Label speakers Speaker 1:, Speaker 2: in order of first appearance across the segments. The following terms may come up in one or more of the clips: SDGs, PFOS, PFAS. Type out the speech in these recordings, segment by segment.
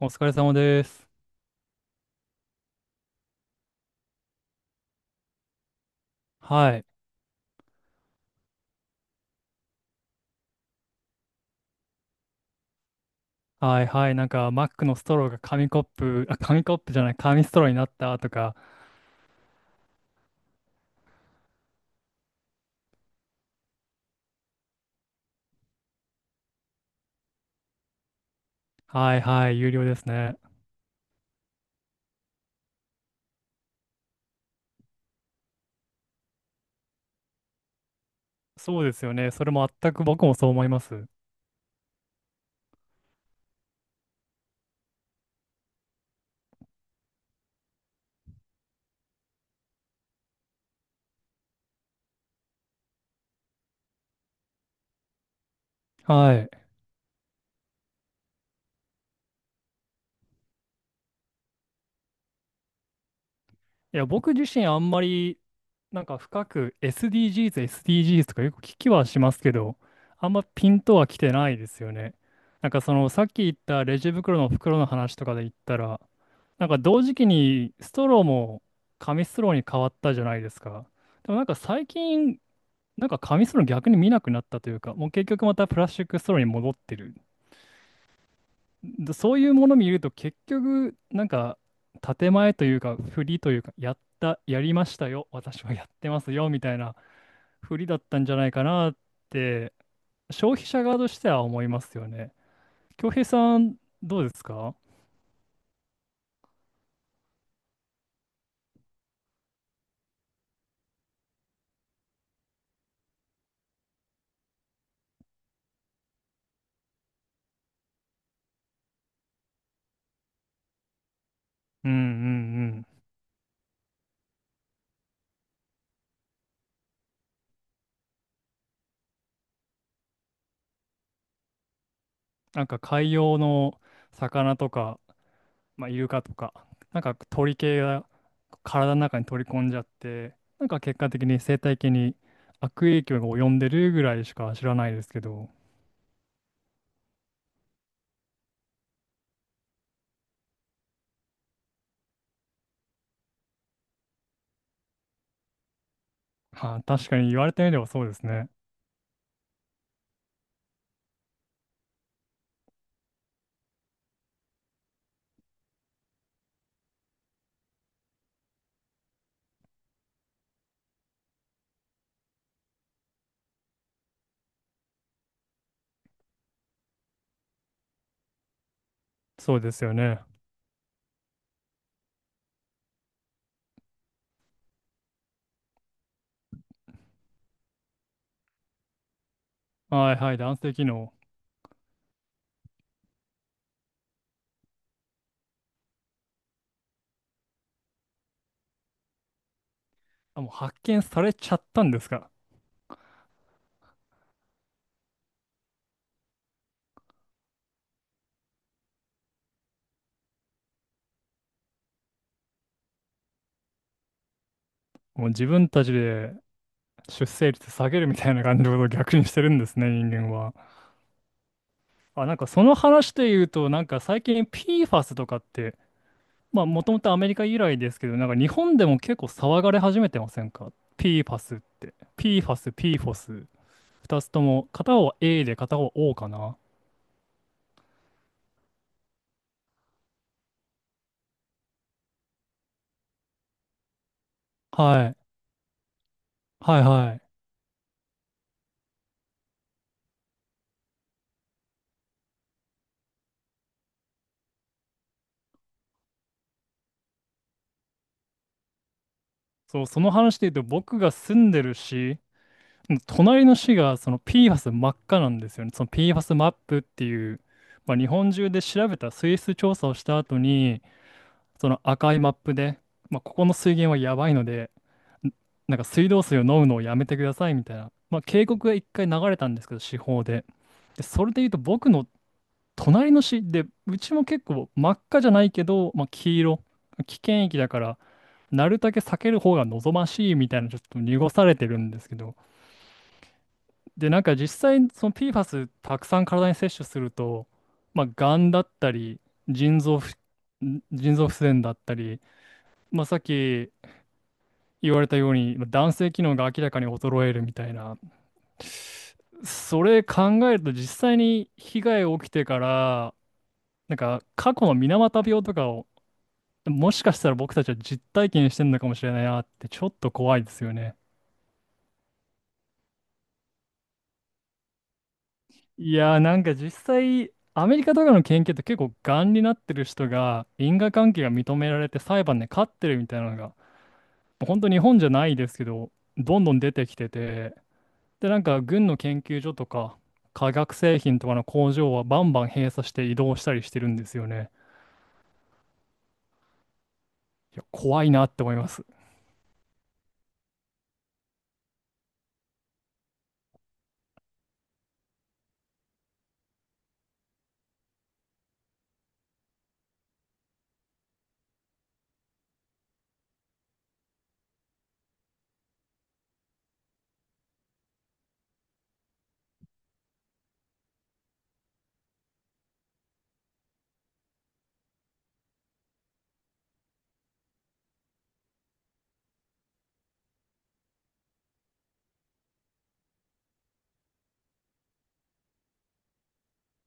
Speaker 1: お疲れ様です。はい。はいはい。なんか、マックのストローが紙コップ、あ、紙コップじゃない、紙ストローになったとか、はいはい、有料ですね。そうですよね。それも全く僕もそう思います。はい。いや、僕自身あんまり、なんか深く SDGs とかよく聞きはしますけど、あんまピンとは来てないですよね。なんかその、さっき言ったレジ袋の袋の話とかで言ったら、なんか同時期にストローも紙ストローに変わったじゃないですか。でもなんか最近、なんか紙ストロー逆に見なくなったというか、もう結局またプラスチックストローに戻ってる。だそういうもの見ると結局なんか建前というか振りというかやったやりましたよ私はやってますよみたいな振りだったんじゃないかなって消費者側としては思いますよね。恭平さんどうですか？うんうんうん。なんか海洋の魚とか、まあ、イルカとか、なんか鳥系が体の中に取り込んじゃって、なんか結果的に生態系に悪影響が及んでるぐらいしか知らないですけど、はあ、確かに言われてみればそうですね。そうですよね。はいはい、男性機能。あ、もう発見されちゃったんですか。もう自分たちで出生率下げるみたいな感じのことを逆にしてるんですね、人間は。あ、なんかその話で言うと、なんか最近 PFAS とかって、まあ、もともとアメリカ由来ですけど、なんか日本でも結構騒がれ始めてませんか？ PFAS って。PFAS、PFOS。二つとも、片方は A で片方は O かな。はい。はいはい。そう、その話で言うと、僕が住んでる市、隣の市がその PFAS 真っ赤なんですよね。その PFAS マップっていう、まあ、日本中で調べた水質調査をした後に、その赤いマップで、まあ、ここの水源はやばいので、んなんか水道水を飲むのをやめてくださいみたいな、まあ、警告が一回流れたんですけど、司法で。で、それで言うと僕の隣の市で、うちも結構真っ赤じゃないけど、まあ、黄色、危険域だから、なるだけ避ける方が望ましいみたいな、ちょっと濁されてるんですけど、で、なんか実際、その PFAS たくさん体に摂取すると、まあ、がんだったり、腎臓不、腎臓不全だったり、まあ、さっき言われたように、まあ男性機能が明らかに衰えるみたいな、それ考えると実際に被害が起きてから、なんか過去の水俣病とかを、もしかしたら僕たちは実体験してるのかもしれないなってちょっと怖いですよね。いやーなんか実際アメリカとかの研究って結構がんになってる人が因果関係が認められて裁判で勝ってるみたいなのが本当日本じゃないですけどどんどん出てきてて、で、なんか軍の研究所とか化学製品とかの工場はバンバン閉鎖して移動したりしてるんですよね。いや、怖いなって思います。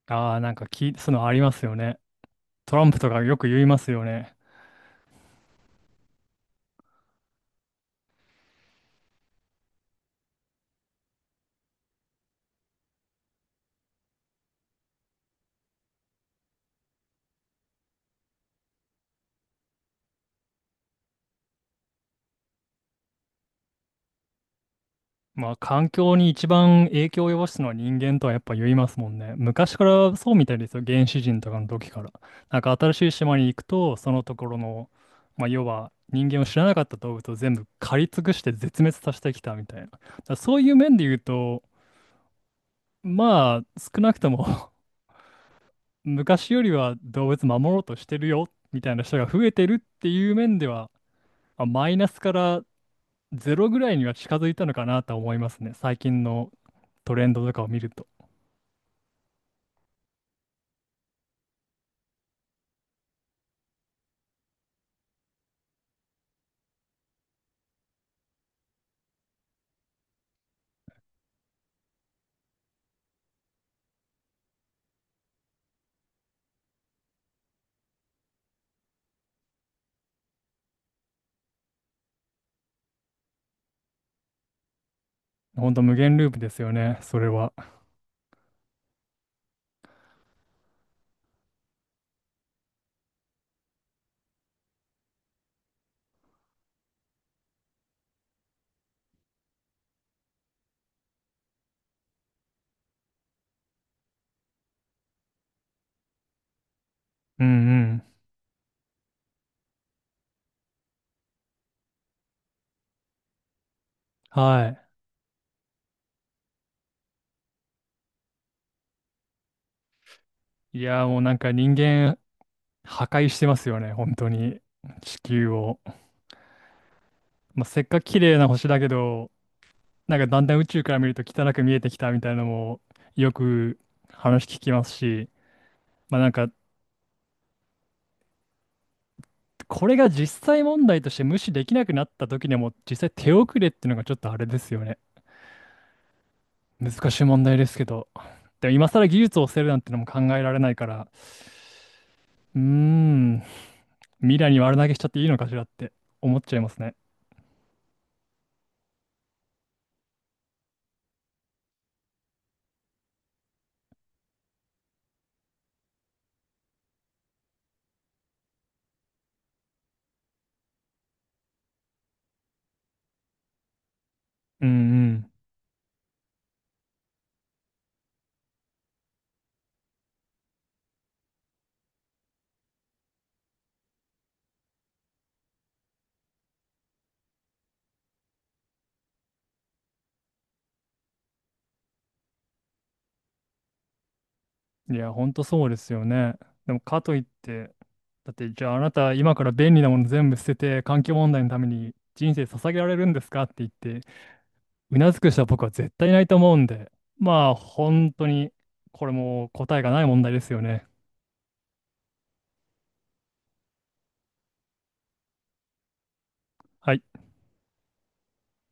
Speaker 1: ああ、なんか聞い、そういうのありますよね。トランプとかよく言いますよね。まあ、環境に一番影響を及ぼすのは人間とはやっぱ言いますもんね。昔からそうみたいですよ。原始人とかの時から。なんか新しい島に行くと、そのところの、まあ、要は人間を知らなかった動物を全部狩り尽くして絶滅させてきたみたいな。だからそういう面で言うと、まあ、少なくとも 昔よりは動物守ろうとしてるよ、みたいな人が増えてるっていう面では、まあマイナスからゼロぐらいには近づいたのかなと思いますね。最近のトレンドとかを見ると。ほんと無限ループですよね、それは。うんうん。はい。いやー、もうなんか人間破壊してますよね、本当に。地球を。まあ、せっかく綺麗な星だけど、なんかだんだん宇宙から見ると汚く見えてきたみたいなのもよく話聞きますし、まあなんか、これが実際問題として無視できなくなった時にはもう実際手遅れっていうのがちょっとあれですよね。難しい問題ですけど。でも今更技術を捨てるなんてのも考えられないから、うーん、未来に悪投げしちゃっていいのかしらって思っちゃいますね。うんうん。いや、ほんとそうですよね。でもかといって、だってじゃああなた今から便利なもの全部捨てて環境問題のために人生捧げられるんですかって言ってうなずく人は僕は絶対いないと思うんで、まあ本当にこれも答えがない問題ですよね。はい。